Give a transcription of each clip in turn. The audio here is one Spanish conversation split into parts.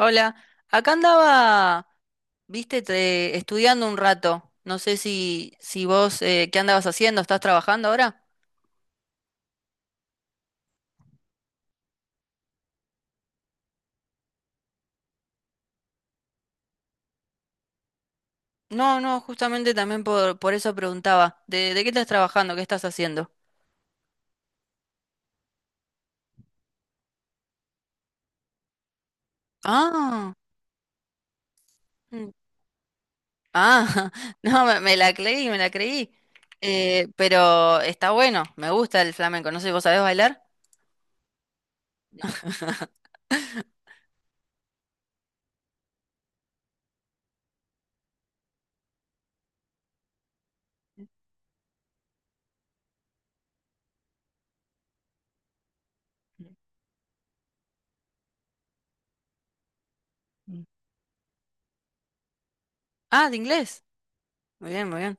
Hola, acá andaba, viste, estudiando un rato. No sé si vos, ¿qué andabas haciendo? ¿Estás trabajando ahora? No, no, justamente también por eso preguntaba. ¿De qué estás trabajando? ¿Qué estás haciendo? Ah, mm, ah, no, me la creí, me la creí. Pero está bueno, me gusta el flamenco. No sé, ¿vos sabés bailar? Mm. Ah, de inglés. Muy bien, muy bien.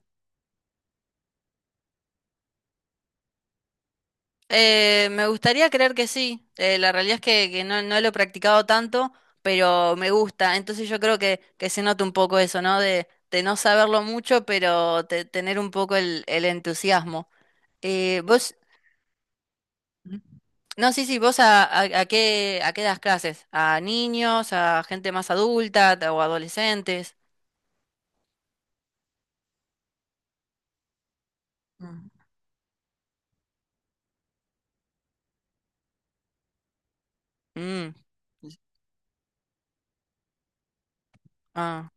Me gustaría creer que sí. La realidad es que, no, no lo he practicado tanto, pero me gusta. Entonces yo creo que, se nota un poco eso, ¿no? de no saberlo mucho, pero tener un poco el entusiasmo. Eh, vos, Ujú. No, sí, sí, ¿vos a qué das clases? ¿A niños, a gente más adulta o adolescentes? Mm. Mm, ah,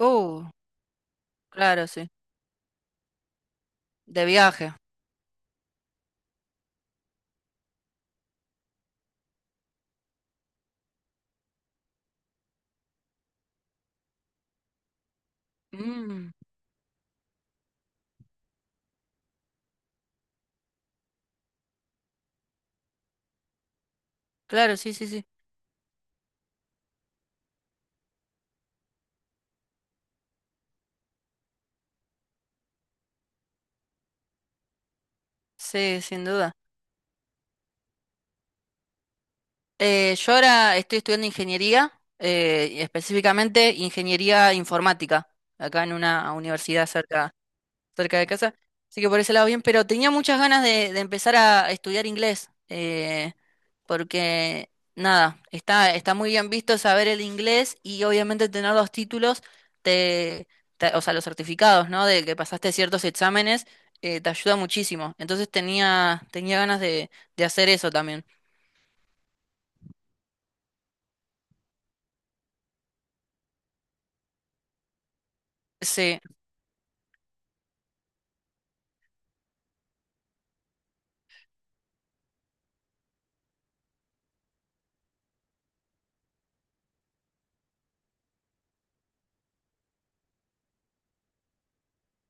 uh, claro, sí. De viaje. Mm, claro, sí, sí, sí. Sí, sin duda. Yo ahora estoy estudiando ingeniería, y específicamente ingeniería informática, acá en una universidad cerca, cerca de casa. Así que por ese lado bien, pero tenía muchas ganas de, empezar a estudiar inglés, porque nada, está muy bien visto saber el inglés y obviamente tener los títulos, te, o sea, los certificados, ¿no? De que pasaste ciertos exámenes, te ayuda muchísimo. Entonces tenía, ganas de hacer eso también. Sí.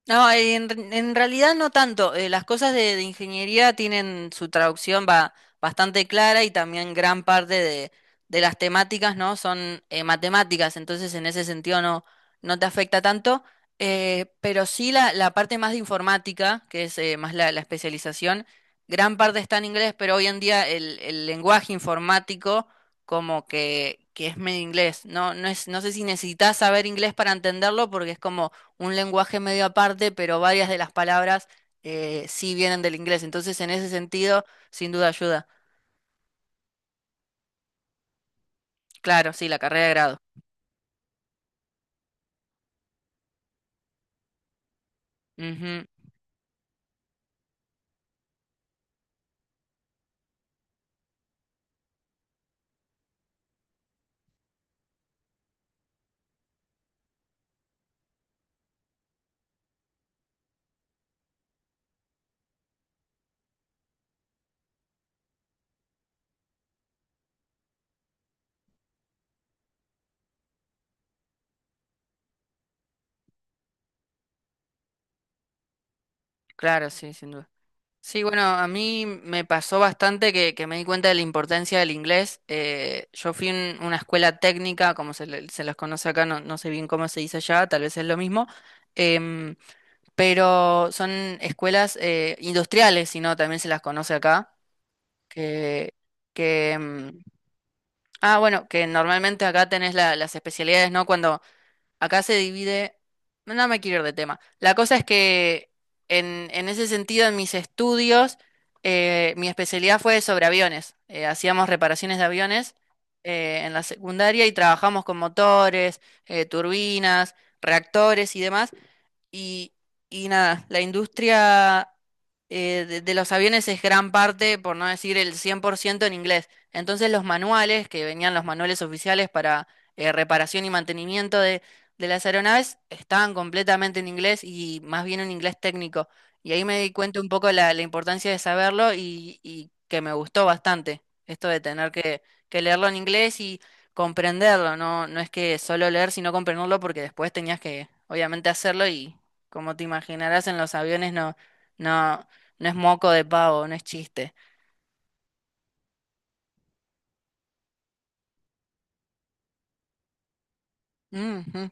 No, en, realidad no tanto. Las cosas de ingeniería tienen su traducción va, bastante clara y también gran parte de las temáticas, ¿no? Son matemáticas, entonces en ese sentido no, no te afecta tanto. Pero sí la, parte más de informática, que es más la especialización, gran parte está en inglés, pero hoy en día el, lenguaje informático como que es medio inglés. No, no sé si necesitas saber inglés para entenderlo porque es como un lenguaje medio aparte, pero varias de las palabras sí vienen del inglés. Entonces, en ese sentido, sin duda ayuda. Claro, sí, la carrera de grado. Ujú. Claro, sí, sin duda. Sí, bueno, a mí me pasó bastante que me di cuenta de la importancia del inglés. Yo fui a una escuela técnica, como se, se las conoce acá, no, no sé bien cómo se dice allá, tal vez es lo mismo, em, pero son escuelas industriales, si no, también se las conoce acá, que, que, em, Ah, bueno, que normalmente acá tenés las especialidades, ¿no? Cuando acá se divide, no me quiero ir de tema. La cosa es que en, ese sentido, en mis estudios, mi especialidad fue sobre aviones. Hacíamos reparaciones de aviones en la secundaria y trabajamos con motores, turbinas, reactores y demás. Y, y nada, la industria de, los aviones es gran parte, por no decir el 100% en inglés. Entonces los manuales, que venían los manuales oficiales para reparación y mantenimiento de, las aeronaves, estaban completamente en inglés y más bien en inglés técnico. Y ahí me di cuenta un poco la, importancia de saberlo y que me gustó bastante esto de tener que leerlo en inglés y comprenderlo. No, no es que solo leer, sino comprenderlo porque después tenías que, obviamente, hacerlo y, como te imaginarás, en los aviones no, no, no es moco de pavo, no es chiste. Ujú,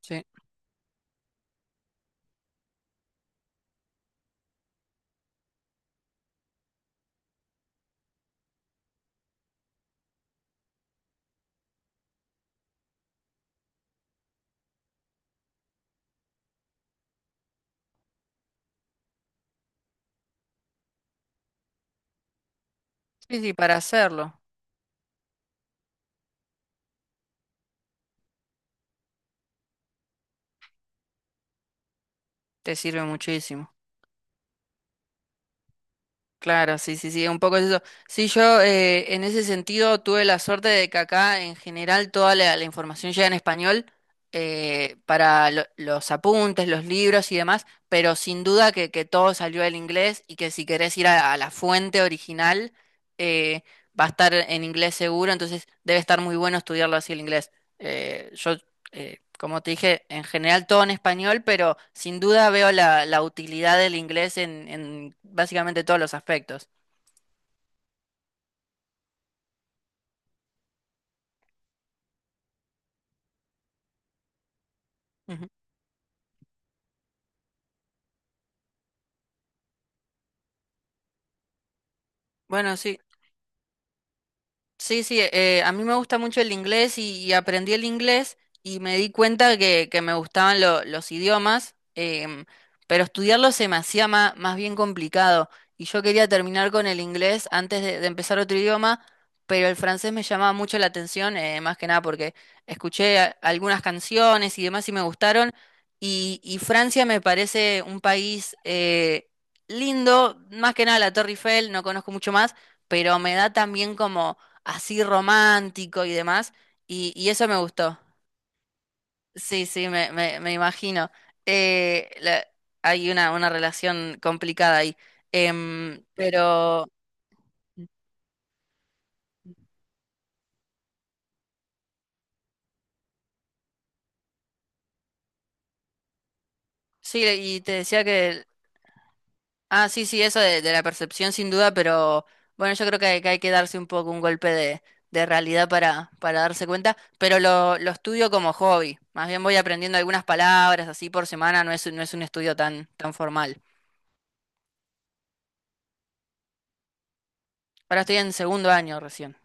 sí. Sí, sí, para hacerlo te sirve muchísimo. Claro, sí, sí, sí, un poco es eso. Sí, yo en ese sentido tuve la suerte de que acá en general toda la, información llega en español para los apuntes, los libros y demás, pero sin duda que, todo salió del inglés y que si querés ir a la fuente original eh, va a estar en inglés seguro, entonces debe estar muy bueno estudiarlo así el inglés. Yo como te dije, en general todo en español, pero sin duda veo la, utilidad del inglés en básicamente todos los aspectos. Ujú. Bueno, sí. Sí, sí, a mí me gusta mucho el inglés y, aprendí el inglés y me di cuenta que me gustaban los idiomas, pero estudiarlo se me hacía más, bien complicado y yo quería terminar con el inglés antes de empezar otro idioma, pero el francés me llamaba mucho la atención, más que nada porque escuché algunas canciones y demás y me gustaron y, Francia me parece un país lindo, más que nada la Torre Eiffel, no conozco mucho más, pero me da también así romántico y demás, y, eso me gustó. Sí, sí, me imagino. Eh, la- Hay una relación complicada ahí. Pero sí, y te decía que. Ah, sí, sí, eso de, la percepción sin duda, pero bueno, yo creo que hay que darse un poco un golpe de, realidad para darse cuenta. Pero lo estudio como hobby. Más bien voy aprendiendo algunas palabras así por semana, no es un estudio tan, formal. Ahora estoy en segundo año recién.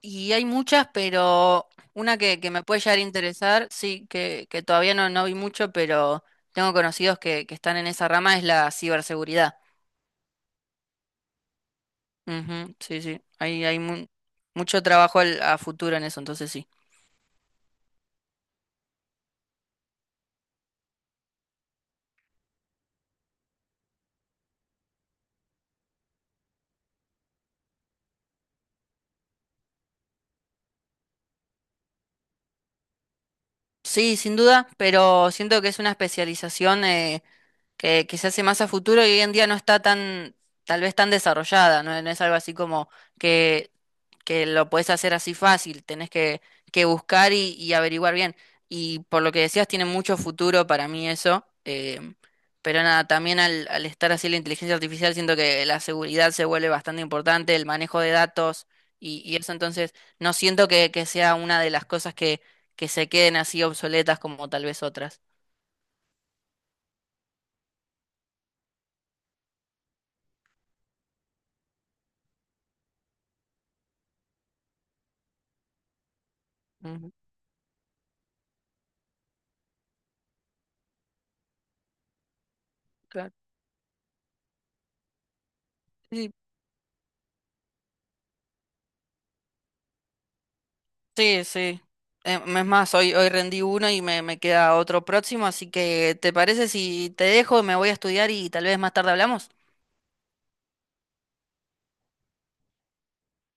Y hay muchas, pero una que, me puede llegar a interesar, sí, que todavía no, no vi mucho, pero tengo conocidos que están en esa rama, es la ciberseguridad. Ujú, sí, sí, hay mucho trabajo a futuro en eso, entonces sí. Sí, sin duda, pero siento que es una especialización, que quizás es más a futuro y hoy en día no está tan, tal vez tan desarrollada, ¿no? No es algo así como que, que, lo puedes hacer así fácil, tenés que, buscar y averiguar bien. Y por lo que decías, tiene mucho futuro para mí eso, em, pero nada, también al, estar así la inteligencia artificial, siento que la seguridad se vuelve bastante importante, el manejo de datos y, eso, entonces no siento que sea una de las cosas que se queden así obsoletas como tal vez otras. Ujú, claro. Sí, sí, sí. Es más, hoy, rendí uno y me queda otro próximo, así que ¿te parece si te dejo, me voy a estudiar y tal vez más tarde hablamos?